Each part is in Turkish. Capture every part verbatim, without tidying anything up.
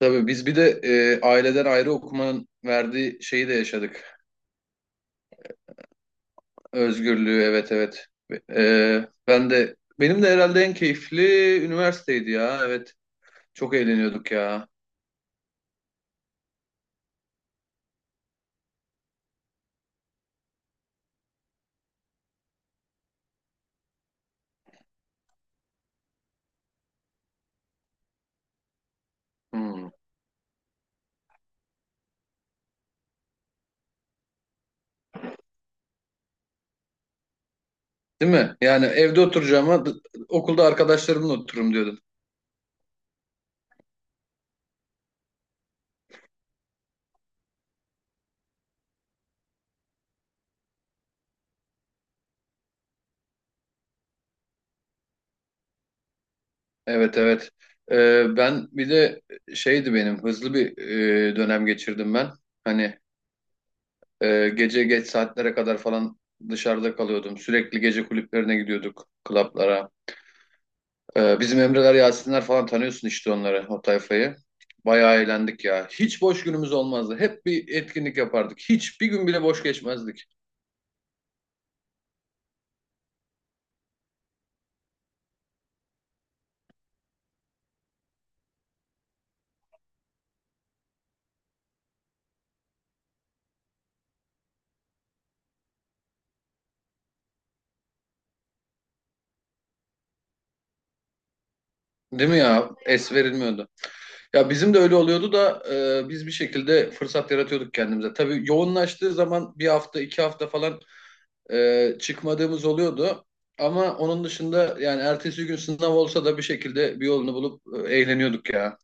Tabii biz bir de e, aileden ayrı okumanın verdiği şeyi de yaşadık. Özgürlüğü, evet, evet. E, ben de benim de herhalde en keyifli üniversiteydi ya. Evet. Çok eğleniyorduk ya. Hmm. Değil mi? Yani evde oturacağıma d- okulda arkadaşlarımla otururum diyordum. Evet, evet. E, ben bir de şeydi benim hızlı bir e, dönem geçirdim ben. Hani e, gece geç saatlere kadar falan dışarıda kalıyordum. Sürekli gece kulüplerine gidiyorduk, klaplara. Ee, bizim Emreler, Yasinler falan tanıyorsun işte onları, o tayfayı. Bayağı eğlendik ya. Hiç boş günümüz olmazdı. Hep bir etkinlik yapardık. Hiç bir gün bile boş geçmezdik. Değil mi ya? Es verilmiyordu. Ya bizim de öyle oluyordu da e, biz bir şekilde fırsat yaratıyorduk kendimize. Tabii yoğunlaştığı zaman bir hafta, iki hafta falan e, çıkmadığımız oluyordu. Ama onun dışında yani ertesi gün sınav olsa da bir şekilde bir yolunu bulup e, eğleniyorduk ya.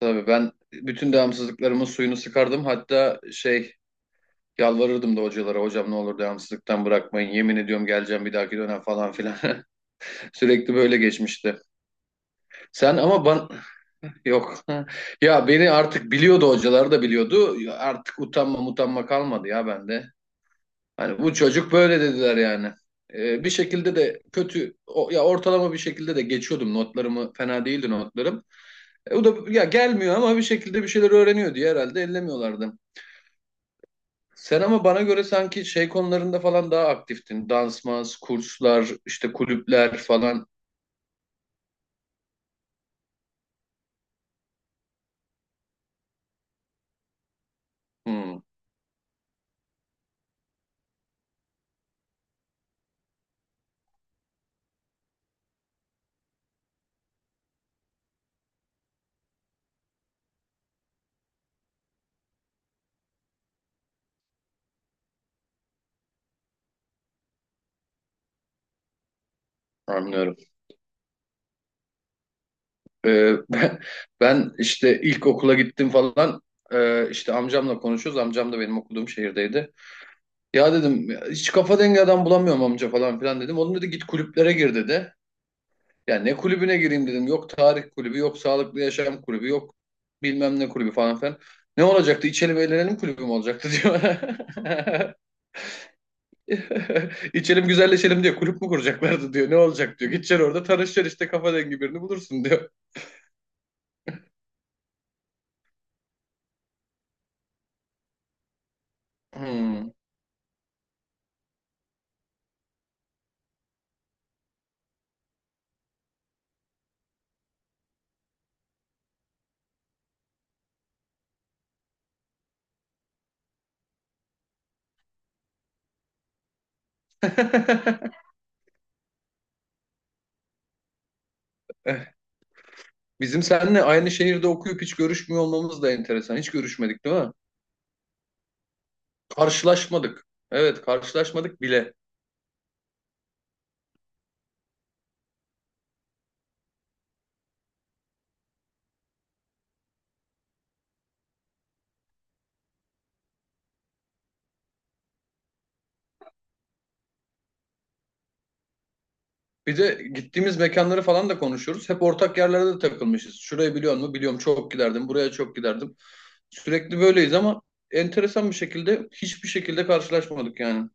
Tabii ben bütün devamsızlıklarımın suyunu sıkardım. Hatta şey yalvarırdım da hocalara, hocam ne olur devamsızlıktan bırakmayın, yemin ediyorum geleceğim bir dahaki dönem falan filan. Sürekli böyle geçmişti. Sen ama ben yok. Ya beni artık biliyordu, hocalar da biliyordu. Artık utanma utanma kalmadı ya bende. Hani bu çocuk böyle dediler yani. Ee, bir şekilde de kötü o- ya ortalama bir şekilde de geçiyordum, notlarımı fena değildi notlarım. E, o da ya gelmiyor ama bir şekilde bir şeyler öğreniyor diye herhalde ellemiyorlardı. Sen ama bana göre sanki şey konularında falan daha aktiftin. Dansmaz, kurslar, işte kulüpler falan. Hmm, anlıyorum. Ee, ben, ben işte ilk okula gittim falan. Ee, işte amcamla konuşuyoruz. Amcam da benim okuduğum şehirdeydi. Ya dedim "ya hiç kafa dengi adam bulamıyorum amca" falan filan dedim. Onun dedi git kulüplere gir dedi. Ya ne kulübüne gireyim dedim. Yok tarih kulübü, yok sağlıklı yaşam kulübü, yok bilmem ne kulübü falan filan. Ne olacaktı? İçelim eğlenelim kulübü mü olacaktı diyor. İçelim güzelleşelim diyor. Kulüp mü kuracaklardı diyor. Ne olacak diyor. Gideceksin orada tanışacaksın işte, kafa dengi birini bulursun diyor. Hmm. Eh, bizim seninle aynı şehirde okuyup hiç görüşmüyor olmamız da enteresan. Hiç görüşmedik değil mi? Karşılaşmadık. Evet, karşılaşmadık bile. Bir de gittiğimiz mekanları falan da konuşuyoruz. Hep ortak yerlerde de takılmışız. Şurayı biliyor musun? Biliyorum, çok giderdim. Buraya çok giderdim. Sürekli böyleyiz ama enteresan bir şekilde hiçbir şekilde karşılaşmadık yani.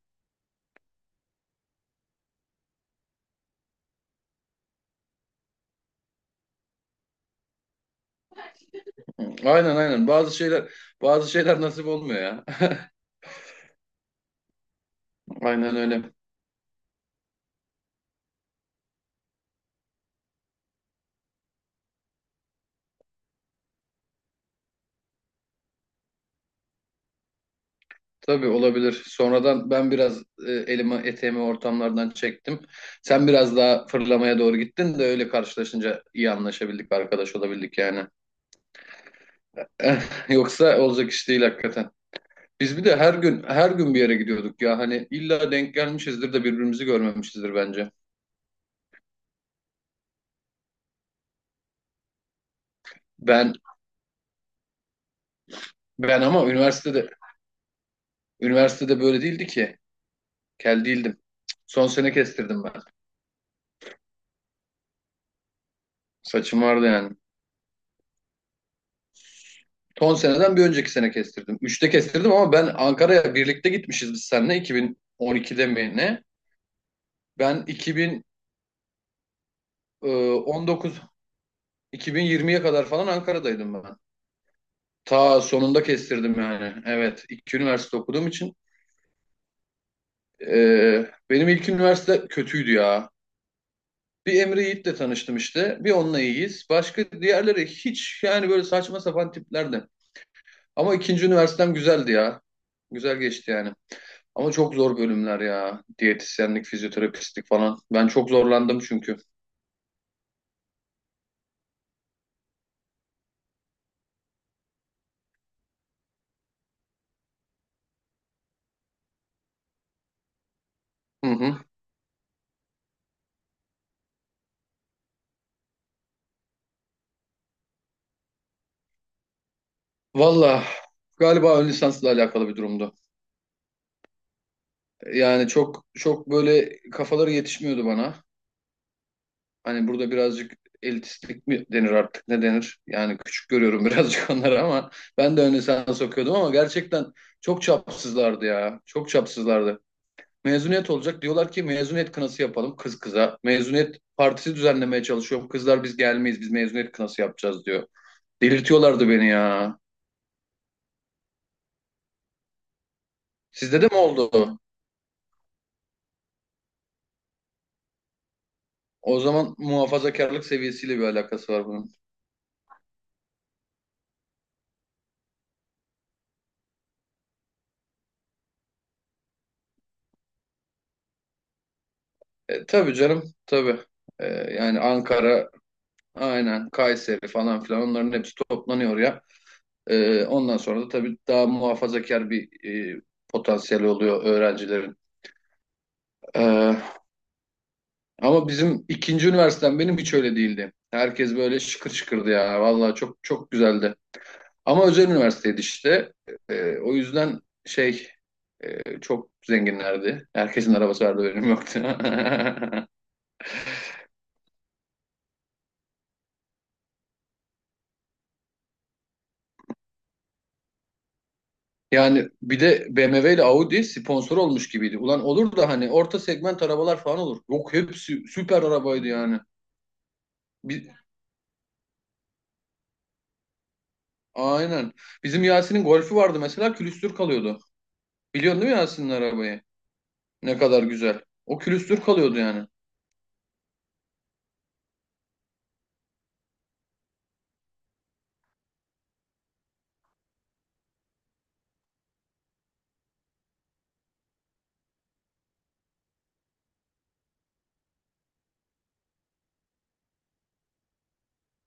Aynen, aynen. Bazı şeyler bazı şeyler nasip olmuyor ya. Aynen öyle. Tabii olabilir. Sonradan ben biraz e, elimi eteğimi ortamlardan çektim. Sen biraz daha fırlamaya doğru gittin de öyle karşılaşınca iyi anlaşabildik, arkadaş olabildik yani. Yoksa olacak iş değil hakikaten. Biz bir de her gün her gün bir yere gidiyorduk ya. Hani illa denk gelmişizdir de birbirimizi görmemişizdir bence. Ben ben ama üniversitede üniversitede böyle değildi ki. Kel değildim. Son sene kestirdim ben. Saçım vardı yani. Son seneden bir önceki sene kestirdim. Üçte kestirdim ama ben, Ankara'ya birlikte gitmişiz biz seninle iki bin on ikide mi ne? Ben iki bin on dokuz, iki bin yirmiye kadar falan Ankara'daydım ben. Ta sonunda kestirdim yani. Evet, iki üniversite okuduğum için e, benim ilk üniversite kötüydü ya. Bir Emre Yiğit'le tanıştım işte. Bir onunla iyiyiz. Başka diğerleri hiç, yani böyle saçma sapan tiplerdi. Ama ikinci üniversitem güzeldi ya. Güzel geçti yani. Ama çok zor bölümler ya. Diyetisyenlik, fizyoterapistlik falan. Ben çok zorlandım çünkü. Hı hı. Valla galiba ön lisansla alakalı bir durumdu. Yani çok çok böyle kafaları yetişmiyordu bana. Hani burada birazcık elitistlik mi denir artık, ne denir? Yani küçük görüyorum birazcık onları ama ben de ön lisans okuyordum ama gerçekten çok çapsızlardı ya. Çok çapsızlardı. Mezuniyet olacak. Diyorlar ki mezuniyet kınası yapalım kız kıza. Mezuniyet partisi düzenlemeye çalışıyorum. Kızlar biz gelmeyiz, biz mezuniyet kınası yapacağız diyor. Delirtiyorlardı beni ya. Sizde de mi oldu? O zaman muhafazakarlık seviyesiyle bir alakası var bunun. E, tabii canım tabii. E, yani Ankara, aynen Kayseri falan filan, onların hepsi toplanıyor ya. E, ondan sonra da tabii daha muhafazakar bir e, potansiyeli oluyor öğrencilerin. E, Ama bizim ikinci üniversitem benim hiç öyle değildi. Herkes böyle şıkır şıkırdı ya. Vallahi çok çok güzeldi. Ama özel üniversiteydi işte. Ee, o yüzden şey e, çok zenginlerdi. Herkesin arabası vardı, benim yoktu. Yani bir de B M W ile Audi sponsor olmuş gibiydi. Ulan olur da hani orta segment arabalar falan olur. Yok, hepsi süper arabaydı yani. Bi- aynen. Bizim Yasin'in Golf'ü vardı mesela, külüstür kalıyordu. Biliyorsun değil mi Yasin'in arabayı? Ne kadar güzel. O külüstür kalıyordu yani.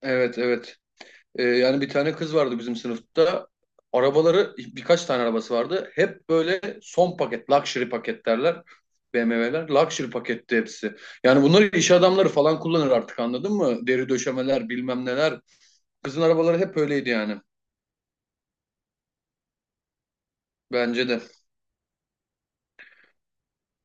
Evet, evet. Ee, yani bir tane kız vardı bizim sınıfta. Arabaları, birkaç tane arabası vardı. Hep böyle son paket, luxury paket derler. B M W'ler luxury paketti hepsi. Yani bunları iş adamları falan kullanır, artık anladın mı? Deri döşemeler bilmem neler. Kızın arabaları hep öyleydi yani. Bence de.